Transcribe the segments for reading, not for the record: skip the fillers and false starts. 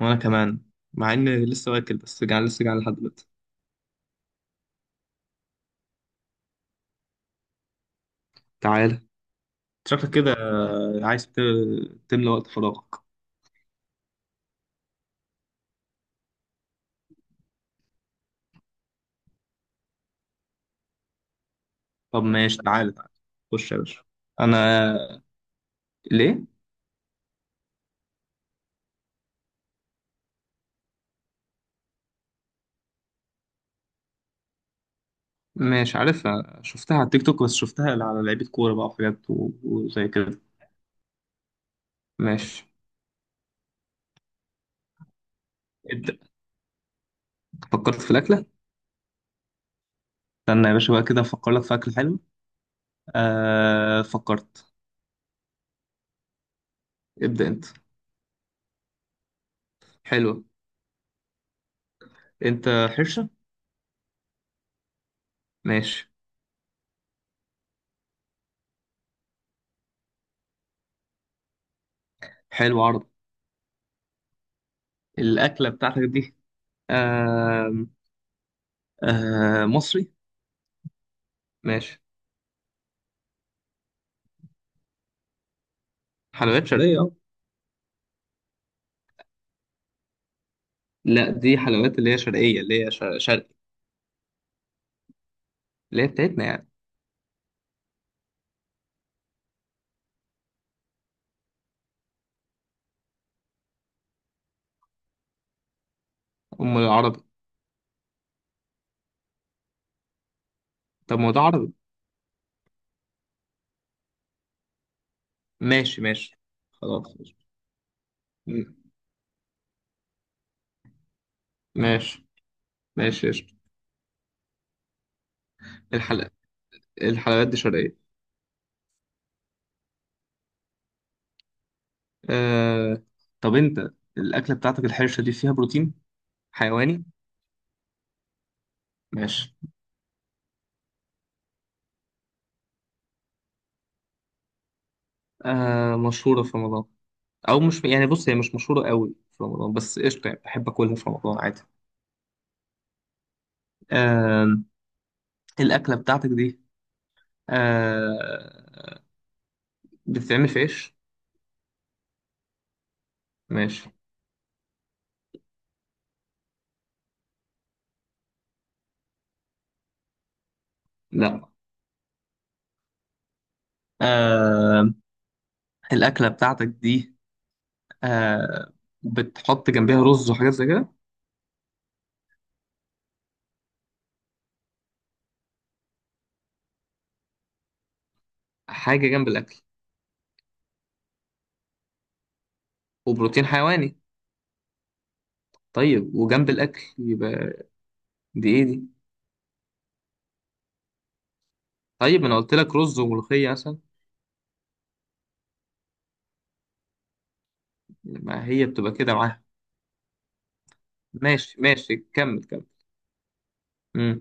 وانا كمان مع اني لسه واكل بس جعان لسه جعان لحد دلوقتي. تعالى. شكلك كده عايز تملى وقت فراغك. طب ماشي، تعالى تعالى. خش يا باشا. انا. ليه؟ مش عارف. شفتها على التيك توك بس شفتها على لعيبه كوره بقى وحاجات وزي كده. ماشي ابدا. فكرت في الاكله. استنى يا باشا بقى كده افكر لك في اكل حلو. آه فكرت. ابدا انت. حلوه. انت حرشه. ماشي. حلو عرض. الاكله بتاعتك دي؟ آه. آه مصري. ماشي. حلويات شرقية اه. لا دي حلويات اللي هي شرقية، اللي هي شرقي، اللي هي بتاعتنا يعني. أم العربي؟ طب ما هو ده عربي. ماشي ماشي. خلاص قشطة. م- ماشي ماشي قشطة. الحل... الحلويات دي شرقية. آه... طب أنت، الأكلة بتاعتك الحرشة دي فيها بروتين حيواني؟ ماشي. مشهورة في رمضان. أو مش يعني، بص هي مش مشهورة قوي في رمضان، بس قشطة يعني بحب أكلها في رمضان عادي. آه... الأكلة بتاعتك دي آه... بتتعمل في عيش؟ ماشي. لا. آه الأكلة بتاعتك دي آه بتحط جنبها رز وحاجات زي كده؟ حاجة جنب الأكل. وبروتين حيواني. طيب وجنب الأكل يبقى دي إيه دي؟ طيب أنا قلت لك رز وملوخية مثلا. ما هي بتبقى كده معاها. ماشي ماشي كمل كمل. امم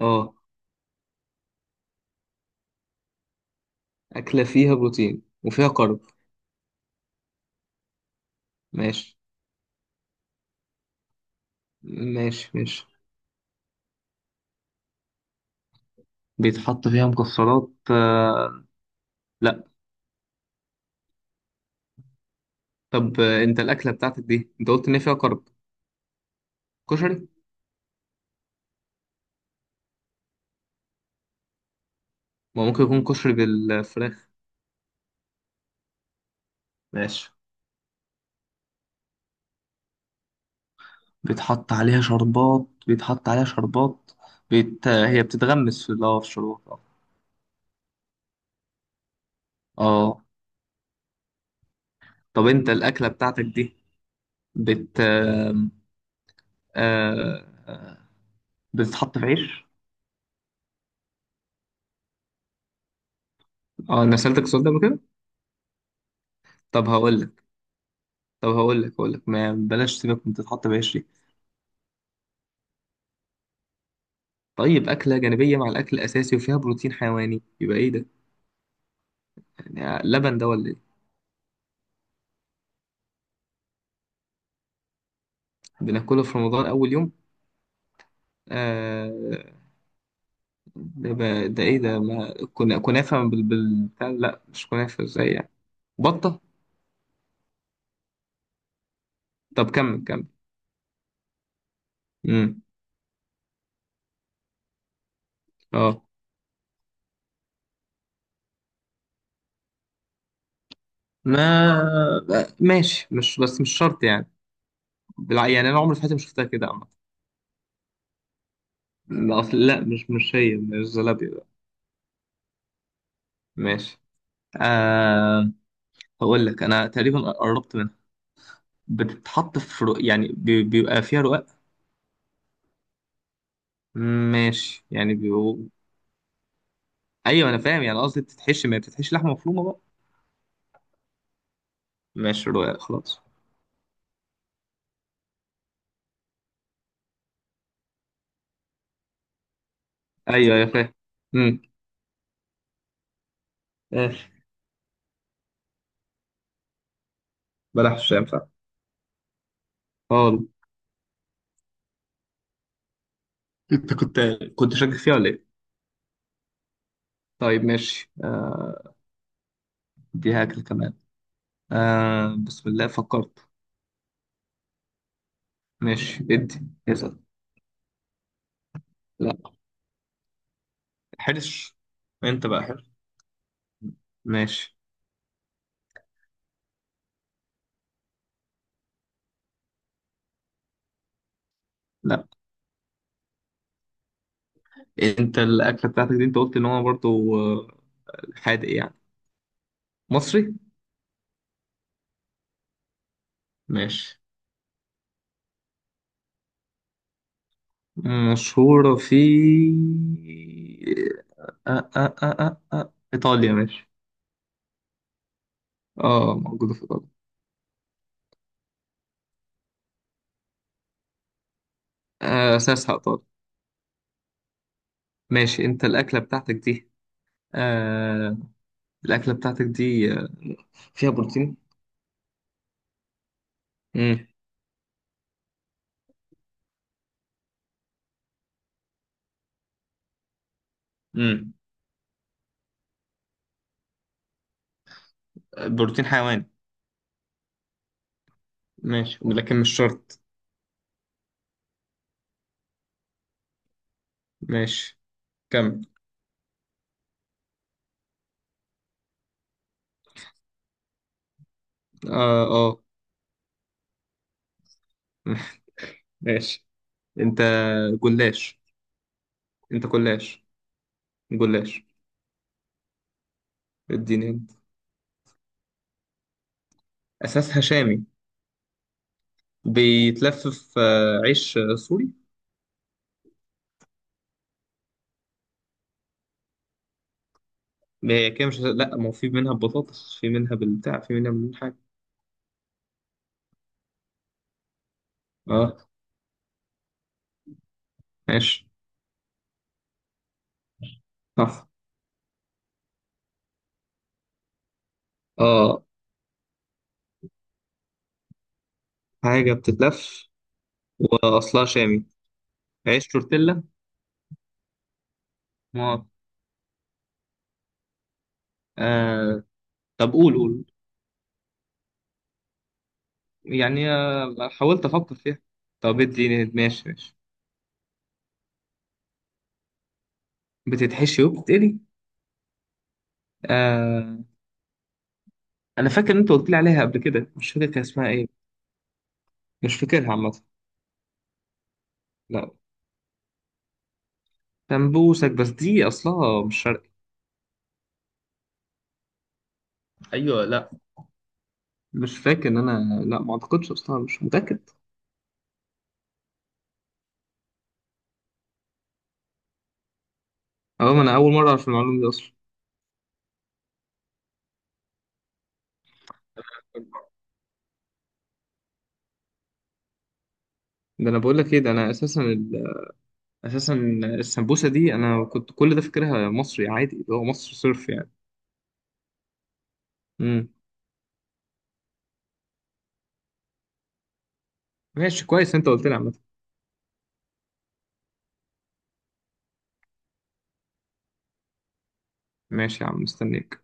اه، أكلة فيها بروتين وفيها كارب. ماشي ماشي. ماشي، بيتحط فيها مكسرات آه، لا. طب انت الأكلة بتاعتك دي انت قلت ان هي فيها كارب، كشري؟ ما ممكن يكون كشري بالفراخ. ماشي. بيتحط عليها شربات، بيتحط عليها شربات. هي بتتغمس في اه، في الشربات اه. اه. طب انت الاكله بتاعتك دي، بت آم، آه... بتتحط في عيش؟ اه انا سألتك السؤال ده قبل كده. طب هقول لك، طب هقول لك، هقول لك ما بلاش سيبك من تتحط بعيش دي. طيب اكله جانبيه مع الاكل الاساسي وفيها بروتين حيواني، يبقى ايه ده؟ يعني لبن ده ولا ايه؟ بناكله في رمضان اول يوم؟ آه. ده بقى ده ايه ده؟ ما كنا كنافه لا مش كنافه، ازاي يعني؟ بطه؟ طب كمل كمل. امم اه. ما ماشي، مش بس مش شرط يعني. يعني انا عمري في حياتي ما شفتها كده عامه. لا اصل، لا مش هي مش زلابيا ده. ماشي. آه هقول لك، انا تقريبا قربت منها. بتتحط في يعني بيبقى فيها رقاق. ماشي يعني بيبقوا. ايوه انا فاهم، يعني قصدي بتتحشي ما بتتحشي لحمه مفرومه بقى. ماشي رقاق خلاص. ايوه يا فاهم. ماشي. بلاش مش هينفع خالص. انت كنت، كنت شاكك فيها ولا ايه؟ طيب ماشي اديها اكل كمان. آه بسم الله فكرت. ماشي ادي اسال. لا. حرش. انت بقى حرش. ماشي. لا. انت الاكله بتاعتك دي انت قلت ان هو برضو آه، حادق يعني، مصري؟ ماشي. مشهوره في آه ايطاليا ماشي. اه موجوده في ايطاليا. آه اساسها ايطاليا. ماشي. انت الاكله بتاعتك دي آه، الأكلة بتاعتك دي فيها بروتين؟ مم. مم. بروتين حيواني. ماشي لكن مش شرط. ماشي كمل. اه اه. ماشي. انت جلاش، انت جلاش. جلاش. اديني انت. اساسها شامي. بيتلف في عيش سوري. ما هي كده مش، لا ما هو في منها بطاطس، في منها بالبتاع، في منها من حاجه. اه ماشي صح. اه حاجه بتتلف. واصلها شامي. عيش تورتيلا. ما آه. طب قول قول. يعني حاولت افكر فيها. طب ادي ماشي ماشي. بتتحشي وبتتقلي. آه انا فاكر ان انت قلت لي عليها قبل كده، مش فاكر كان اسمها ايه. مش فاكرها عامه. لا. سمبوسك، بس دي اصلها مش شرقي. ايوه لا، مش فاكر ان انا، لا ما اعتقدش اصلها، مش متاكد. اه ما انا اول مره اعرف المعلومه دي اصلا. ده انا بقول لك ايه، ده انا اساسا اساسا السمبوسه دي انا كنت كل ده فاكرها مصري عادي اللي هو مصر صرف يعني. امم ماشي كويس، انت قلت لي عامه. ماشي يا عم مستنيك.